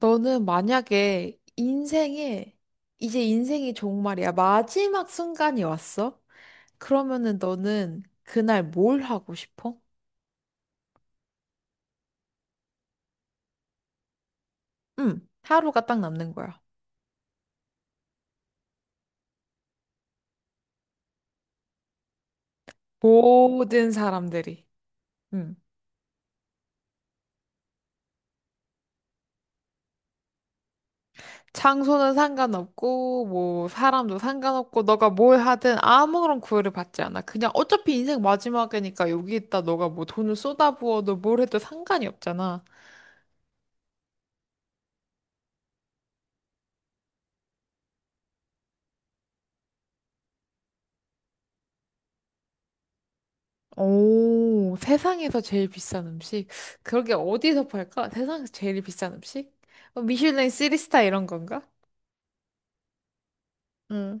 너는 만약에 인생에, 이제 인생이 정말이야. 마지막 순간이 왔어? 그러면은 너는 그날 뭘 하고 싶어? 응, 하루가 딱 남는 거야. 모든 사람들이. 응. 장소는 상관없고, 뭐, 사람도 상관없고, 너가 뭘 하든 아무런 구애를 받지 않아. 그냥 어차피 인생 마지막이니까 여기 있다 너가 뭐 돈을 쏟아부어도 뭘 해도 상관이 없잖아. 오, 세상에서 제일 비싼 음식? 그러게 어디서 팔까? 세상에서 제일 비싼 음식? 어, 미슐랭 3스타 이런 건가? 응,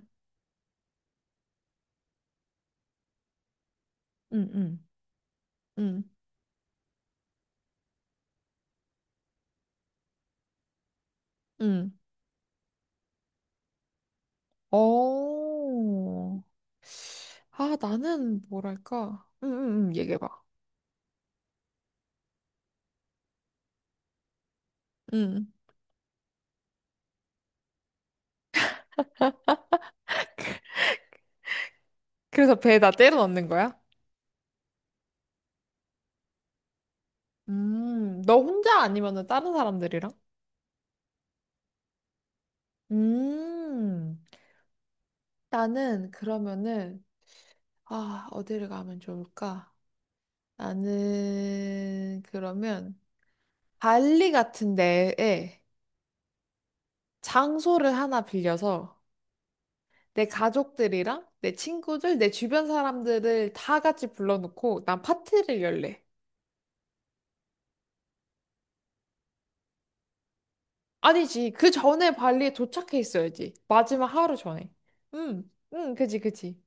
응, 응, 응. 응. 오. 아, 나는 뭐랄까? 응, 응, 응, 얘기해봐. 응. 그래서 배에다 때려 넣는 거야? 너 혼자 아니면은 다른 사람들이랑? 음. 나는 그러면은, 아, 어디를 가면 좋을까? 나는 그러면 발리 같은 데에 장소를 하나 빌려서 내 가족들이랑 내 친구들, 내 주변 사람들을 다 같이 불러놓고 난 파티를 열래. 아니지. 그 전에 발리에 도착해 있어야지. 마지막 하루 전에. 응, 응, 그지, 그지.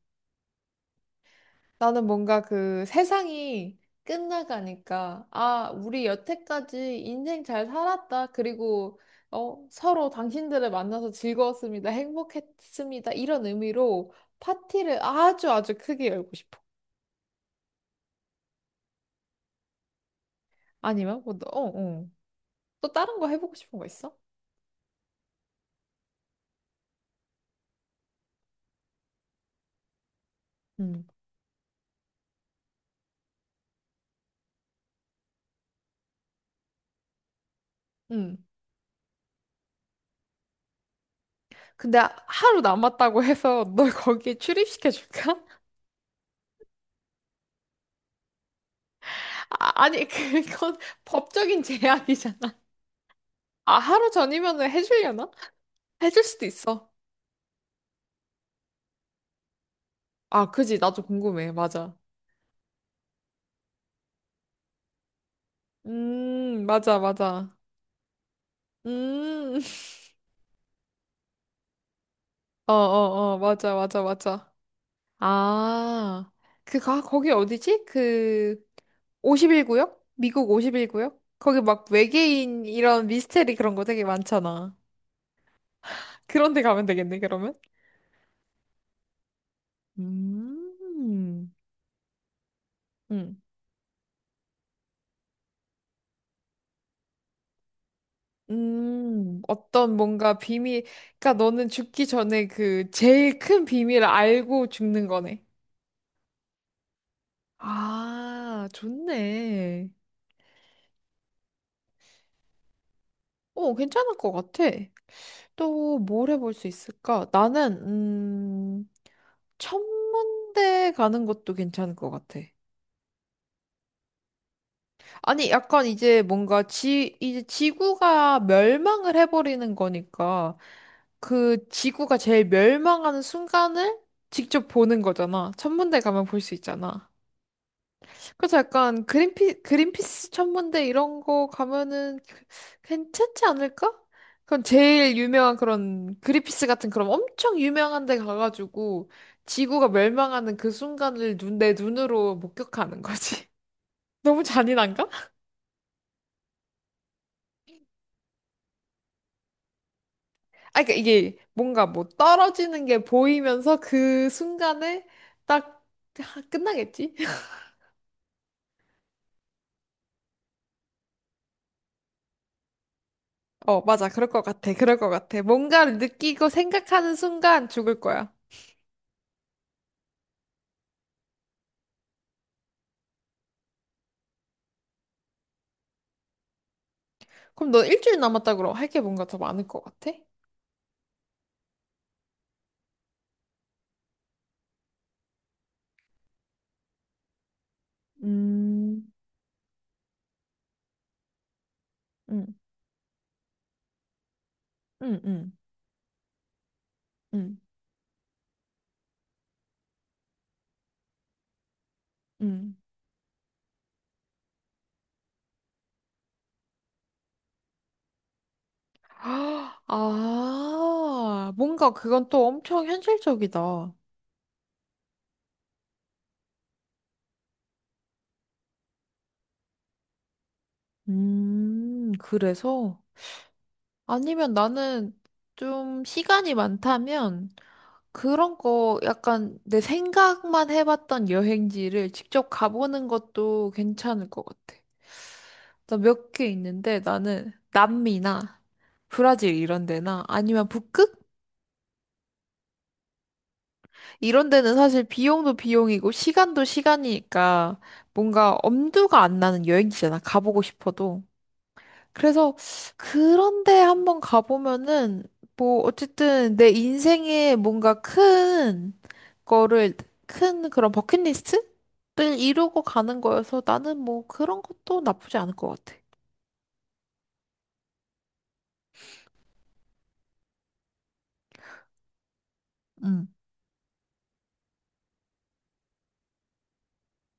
나는 뭔가 그 세상이 끝나가니까, 아, 우리 여태까지 인생 잘 살았다. 그리고, 어, 서로 당신들을 만나서 즐거웠습니다. 행복했습니다. 이런 의미로 파티를 아주 아주 크게 열고 싶어. 아니면, 뭐, 너- 어, 어. 또 다른 거 해보고 싶은 거 있어? 응, 응. 근데 하루 남았다고 해서 널 거기에 출입시켜줄까? 아, 아니, 그건 법적인 제약이잖아. 아, 하루 전이면은 해주려나? 해줄 수도 있어. 아, 그지. 나도 궁금해. 맞아. 맞아, 맞아. 음, 어, 어, 어, 맞아, 맞아, 맞아. 아, 그, 가, 거기 어디지? 그, 5일구역 미국 5일구역 거기 막 외계인 이런 미스테리 그런 거 되게 많잖아. 그런 데 가면 되겠네, 그러면? 음, 음, 어떤 뭔가 비밀, 그러니까 너는 죽기 전에 그 제일 큰 비밀을 알고 죽는 거네. 아, 좋네. 어, 괜찮을 것 같아. 또 뭘 해볼 수 있을까? 나는, 음, 천문대 가는 것도 괜찮을 것 같아. 아니, 약간 이제 뭔가 지, 이제 지구가 멸망을 해버리는 거니까 그 지구가 제일 멸망하는 순간을 직접 보는 거잖아. 천문대 가면 볼 수 있잖아. 그래서 약간 그린피스 천문대 이런 거 가면은 그, 괜찮지 않을까? 그럼 제일 유명한 그런 그린피스 같은 그런 엄청 유명한 데 가가지고 지구가 멸망하는 그 순간을 눈, 내 눈으로 목격하는 거지. 너무 잔인한가? 아, 그러니까 이게 뭔가 뭐 떨어지는 게 보이면서 그 순간에 딱 하- 끝나겠지? 어, 맞아. 그럴 것 같아. 그럴 것 같아. 뭔가를 느끼고 생각하는 순간 죽을 거야. 그럼 너 일주일 남았다 그럼 할 게 뭔가 더 많을 것 같아? 음, 응, 응, 응, 응, 응. 아, 아, 뭔가 그건 또 엄청 현실적이다. 그래서? 아니면 나는 좀 시간이 많다면 그런 거 약간 내 생각만 해봤던 여행지를 직접 가보는 것도 괜찮을 것 같아. 나 몇 개 있는데 나는 남미나 브라질 이런 데나 아니면 북극? 이런 데는 사실 비용도 비용이고 시간도 시간이니까 뭔가 엄두가 안 나는 여행지잖아. 가보고 싶어도. 그래서 그런데 한번 가보면은 뭐 어쨌든 내 인생에 뭔가 큰 거를 큰 그런 버킷리스트를 이루고 가는 거여서 나는 뭐 그런 것도 나쁘지 않을 것 같아. 음,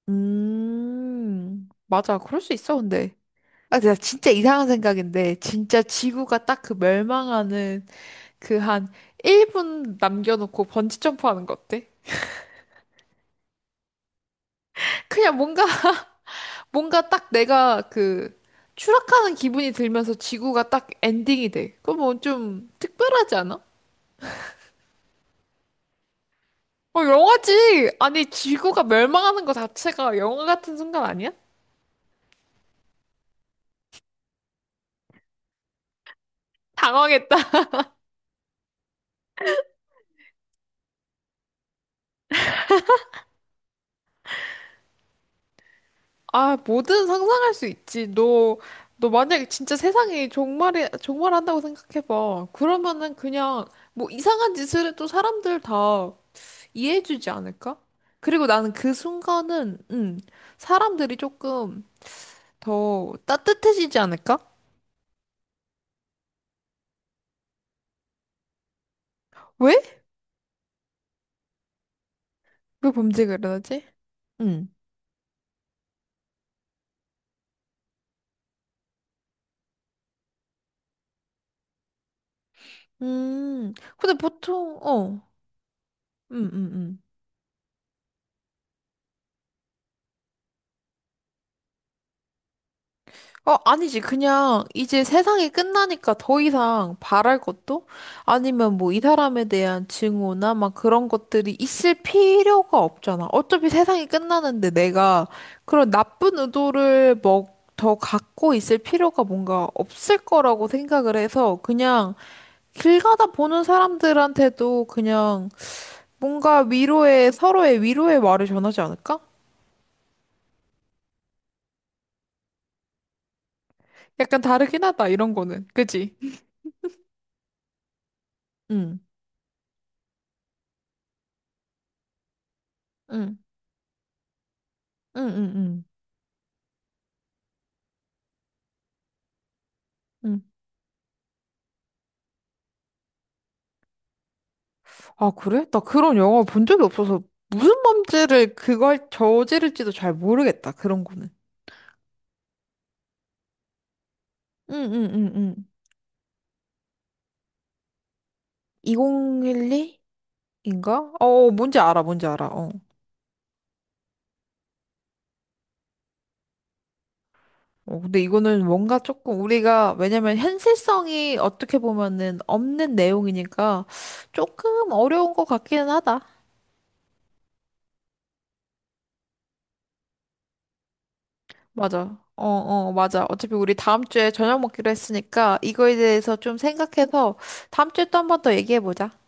맞아. 그럴 수 있어, 근데. 아, 나 진짜 이상한 생각인데, 진짜 지구가 딱 그 멸망하는 그 한 1분 남겨놓고 번지 점프하는 거 어때? 그냥 뭔가 뭔가 딱 내가 그 추락하는 기분이 들면서 지구가 딱 엔딩이 돼. 그럼 뭐좀 특별하지 않아? 어 영화지. 아니 지구가 멸망하는 거 자체가 영화 같은 순간 아니야? 당황했다. 아 뭐든 상상할 수 있지. 너 만약에 진짜 세상이 종말이 종말한다고 생각해봐. 그러면은 그냥 뭐 이상한 짓을 해도 사람들 다 이해해주지 않을까? 그리고 나는 그 순간은, 사람들이 조금 더 따뜻해지지 않을까? 왜? 왜 범죄가 일어나지? 음. 근데 보통, 어, 음, 음, 음. 어, 아니지. 그냥 이제 세상이 끝나니까 더 이상 바랄 것도 아니면 뭐 이 사람에 대한 증오나 막 그런 것들이 있을 필요가 없잖아. 어차피 세상이 끝나는데 내가 그런 나쁜 의도를 뭐 더 갖고 있을 필요가 뭔가 없을 거라고 생각을 해서 그냥 길 가다 보는 사람들한테도 그냥 뭔가 위로의 서로의 위로의 말을 전하지 않을까? 약간 다르긴 하다. 이런 거는. 그지? 응. 응. 응. 응. 응. 응. 아, 그래? 나 그런 영화 본 적이 없어서 무슨 범죄를 그걸 저지를지도 잘 모르겠다. 그런 거는. 응응응응. 2012인가? 어, 뭔지 알아, 뭔지 알아. 어. 어, 근데 이거는 뭔가 조금 우리가 왜냐면 현실성이 어떻게 보면은 없는 내용이니까 조금 어려운 것 같기는 하다. 맞아. 어, 어, 맞아. 어차피 우리 다음 주에 저녁 먹기로 했으니까 이거에 대해서 좀 생각해서 다음 주에 또 한번 더 얘기해 보자.